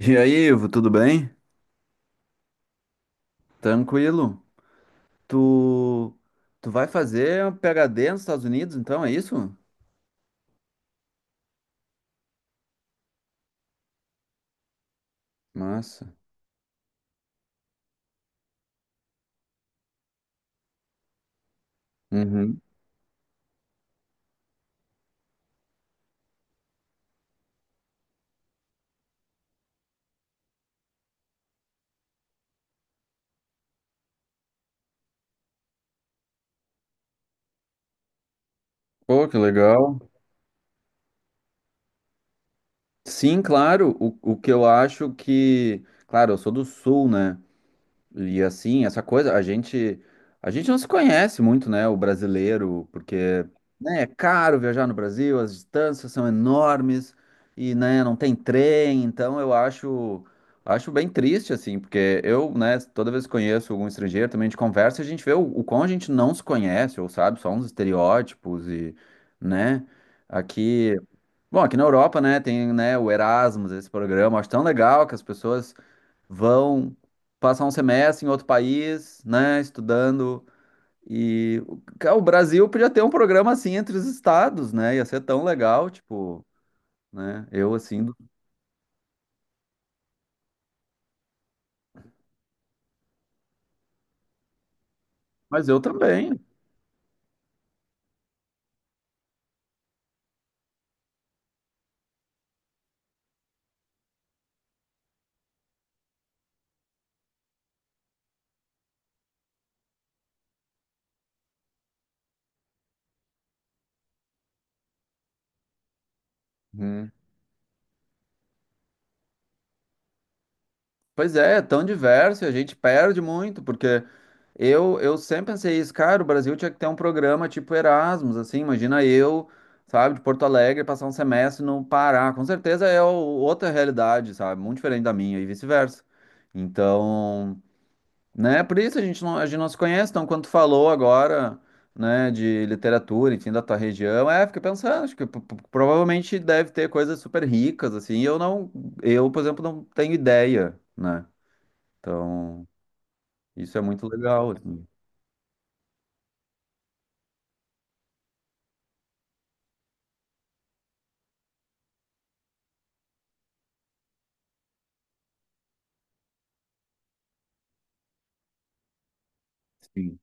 E aí, Ivo, tudo bem? Tranquilo? Tu, tu vai fazer um PhD nos Estados Unidos, então, é isso? Massa. Uhum. Pô, que legal. Sim, claro. O que eu acho que. Claro, eu sou do Sul, né? E assim, essa coisa, a gente não se conhece muito, né, o brasileiro, porque né, é caro viajar no Brasil, as distâncias são enormes e né, não tem trem, então eu acho bem triste assim, porque eu, né, toda vez que conheço algum estrangeiro, também a gente conversa, e a gente vê o quão a gente não se conhece, ou sabe, só uns estereótipos e né, aqui. Bom, aqui na Europa, né, tem, né, o Erasmus, esse programa, acho tão legal que as pessoas vão passar um semestre em outro país, né, estudando. E o cara, o Brasil podia ter um programa assim entre os estados, né? Ia ser tão legal, tipo, né? Mas eu também. Uhum. Pois é, é tão diverso e a gente perde muito, porque eu sempre pensei isso, cara, o Brasil tinha que ter um programa tipo Erasmus, assim, imagina eu, sabe, de Porto Alegre passar um semestre no Pará. Com certeza é o- Outra realidade, sabe? Muito diferente da minha e vice-versa. Então, né? Por isso a gente não se conhece, então quando tu falou agora, né, de literatura, enfim, da tua região, é, fiquei pensando, acho que provavelmente deve ter coisas super ricas, assim, e eu não, eu, por exemplo, não tenho ideia, né? Então, isso é muito legal, assim. Sim.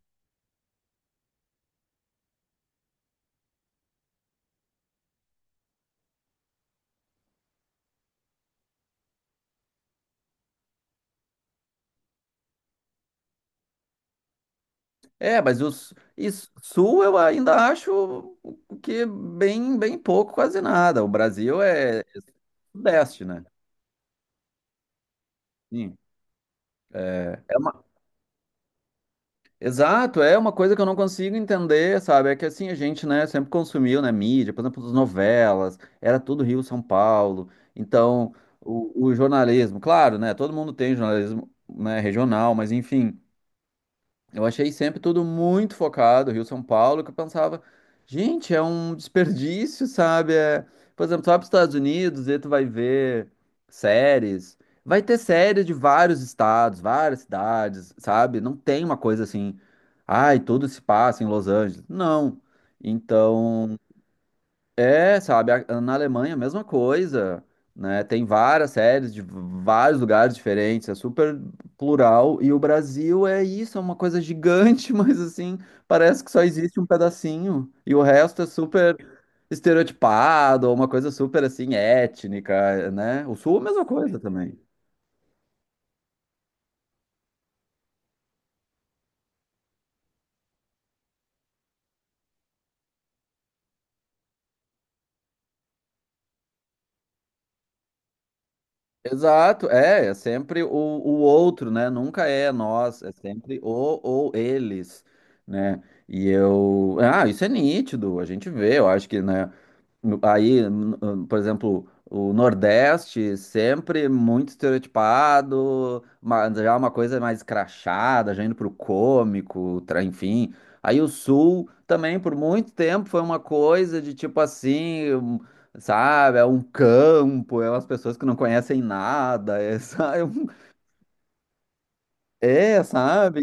É, mas o su- Sul eu ainda acho que bem, bem pouco, quase nada. O Brasil é Sudeste, né? Sim. É, é uma. Exato, é uma coisa que eu não consigo entender, sabe? É que assim, a gente, né, sempre consumiu, né, mídia, por exemplo, as novelas, era tudo Rio, São Paulo. Então, o jornalismo, claro, né, todo mundo tem jornalismo, né, regional, mas enfim, eu achei sempre tudo muito focado, Rio-São Paulo, que eu pensava, gente, é um desperdício, sabe? É, por exemplo, tu vai para os Estados Unidos e tu vai ver séries. Vai ter séries de vários estados, várias cidades, sabe? Não tem uma coisa assim, ai, tudo se passa em Los Angeles. Não. Então, é, sabe, a- na Alemanha a mesma coisa, né? Tem várias séries de vários lugares diferentes, é super plural, e o Brasil é isso, é uma coisa gigante, mas assim, parece que só existe um pedacinho, e o resto é super estereotipado, uma coisa super assim étnica, né? O Sul é a mesma coisa também. Exato, é, é sempre o outro, né? Nunca é nós, é sempre o ou eles, né? E eu, ah, isso é nítido, a gente vê, eu acho que, né? Por exemplo, o Nordeste sempre muito estereotipado, mas já uma coisa mais crachada, já indo pro cômico, enfim. Aí o Sul também por muito tempo foi uma coisa de tipo assim, sabe, é um campo, é umas pessoas que não conhecem nada, é, sabe, é, sabe?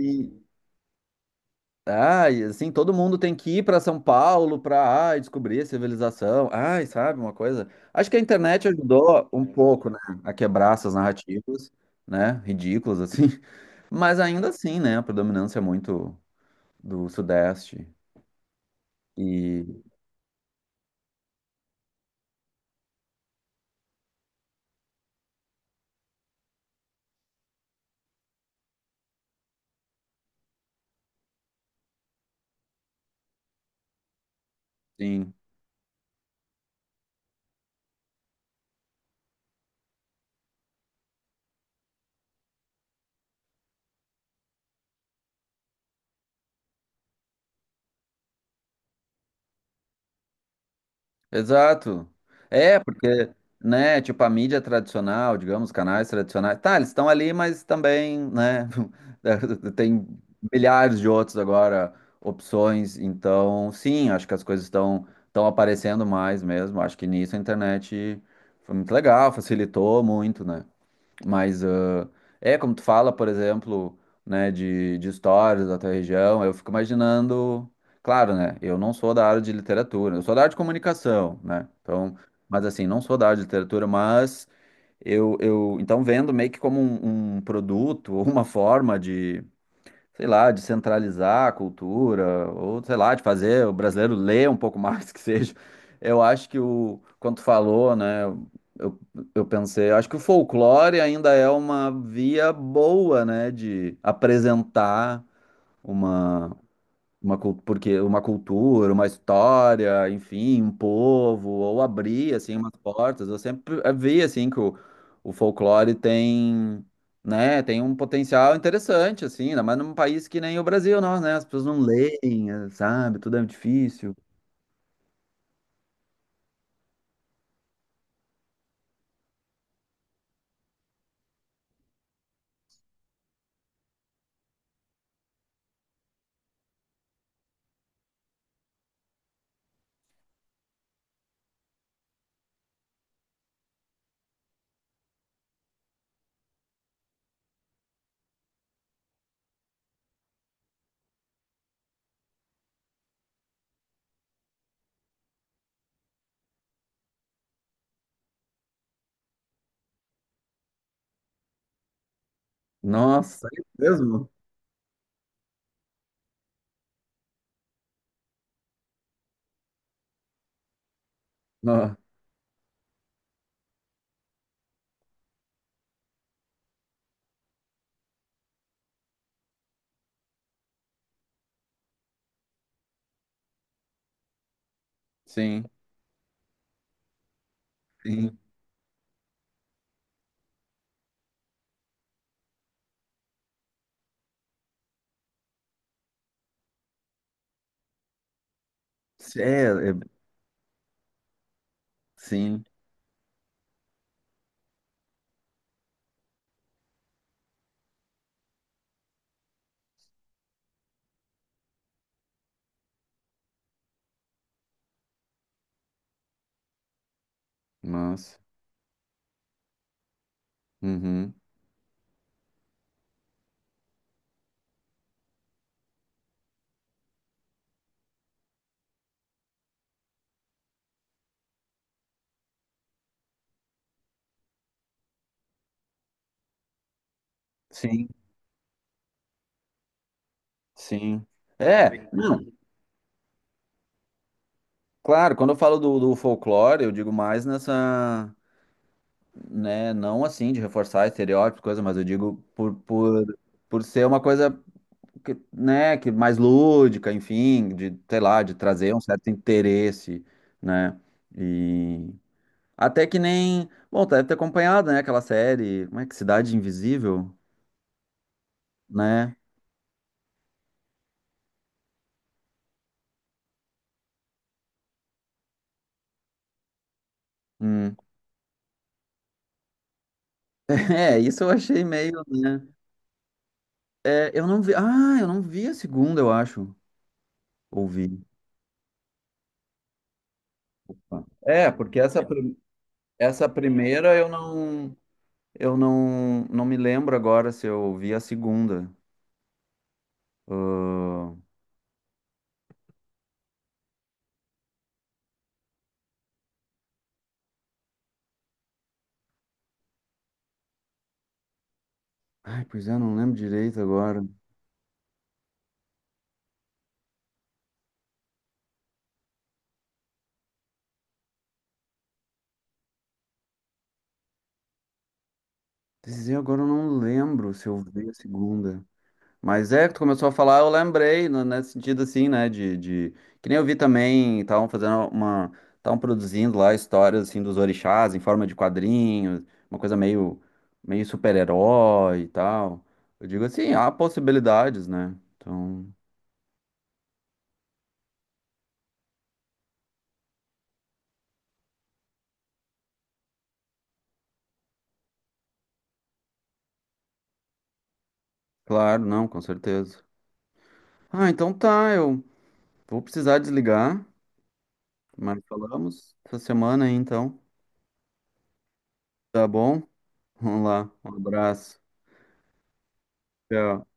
Ai, assim, todo mundo tem que ir para São Paulo para, ai, descobrir a civilização. Ai, sabe, uma coisa. Acho que a internet ajudou um pouco, né, a quebrar essas narrativas, né, ridículas assim. Mas ainda assim, né, a predominância é muito do Sudeste. E sim. Exato. É, porque, né, tipo, a mídia tradicional, digamos, canais tradicionais, tá, eles estão ali, mas também, né, tem milhares de outros agora opções, então, sim, acho que as coisas estão aparecendo mais mesmo, acho que nisso a internet foi muito legal, facilitou muito, né? Mas ah, é como tu fala, por exemplo, né, de histórias da tua região, eu fico imaginando, claro, né, eu não sou da área de literatura, eu sou da área de comunicação, né? Então, mas assim, não sou da área de literatura, mas eu então vendo meio que como um produto, ou uma forma de sei lá, de centralizar a cultura, ou sei lá, de fazer o brasileiro ler um pouco mais que seja. Eu acho que o, quando tu falou, né, eu, eu pensei, eu acho que o folclore ainda é uma via boa, né, de apresentar uma uma, porque uma cultura, uma história, enfim, um povo, ou abrir, assim, umas portas. Eu sempre vi, assim, que o folclore tem, né, tem um potencial interessante, assim, ainda mais num país que nem o Brasil, nós, né, as pessoas não leem, sabe, tudo é difícil. Nossa, é mesmo? Ó, sim, sim, é, é- sim, nossa, uhum, sim, sim. É, não, claro, quando eu falo do, do folclore, eu digo mais nessa né? Não assim de reforçar estereótipos, coisa, mas eu digo por ser uma coisa que, né, que mais lúdica, enfim, de, sei lá, de trazer um certo interesse, né? E até que nem, bom, tu deve ter acompanhado, né, aquela série, como é que Cidade Invisível, né? Hum. É, isso eu achei meio, né? É, eu não vi, ah, eu não vi a segunda, eu acho. Ouvi. Tá. Essa primeira eu não. Eu não, não me lembro agora se eu vi a segunda. Ah, ai, pois é, não lembro direito agora. Dizer agora eu não lembro se eu vi a segunda. Mas é, que tu começou a falar, eu lembrei, nesse sentido assim, né? De... Que nem eu vi também, estavam fazendo uma. Estavam produzindo lá histórias assim dos orixás em forma de quadrinhos, uma coisa meio, meio super-herói e tal. Eu digo assim, há possibilidades, né? Então, claro, não, com certeza. Ah, então tá, eu. Vou precisar desligar, mas falamos essa semana aí, então. Tá bom? Vamos lá. Um abraço. Tchau.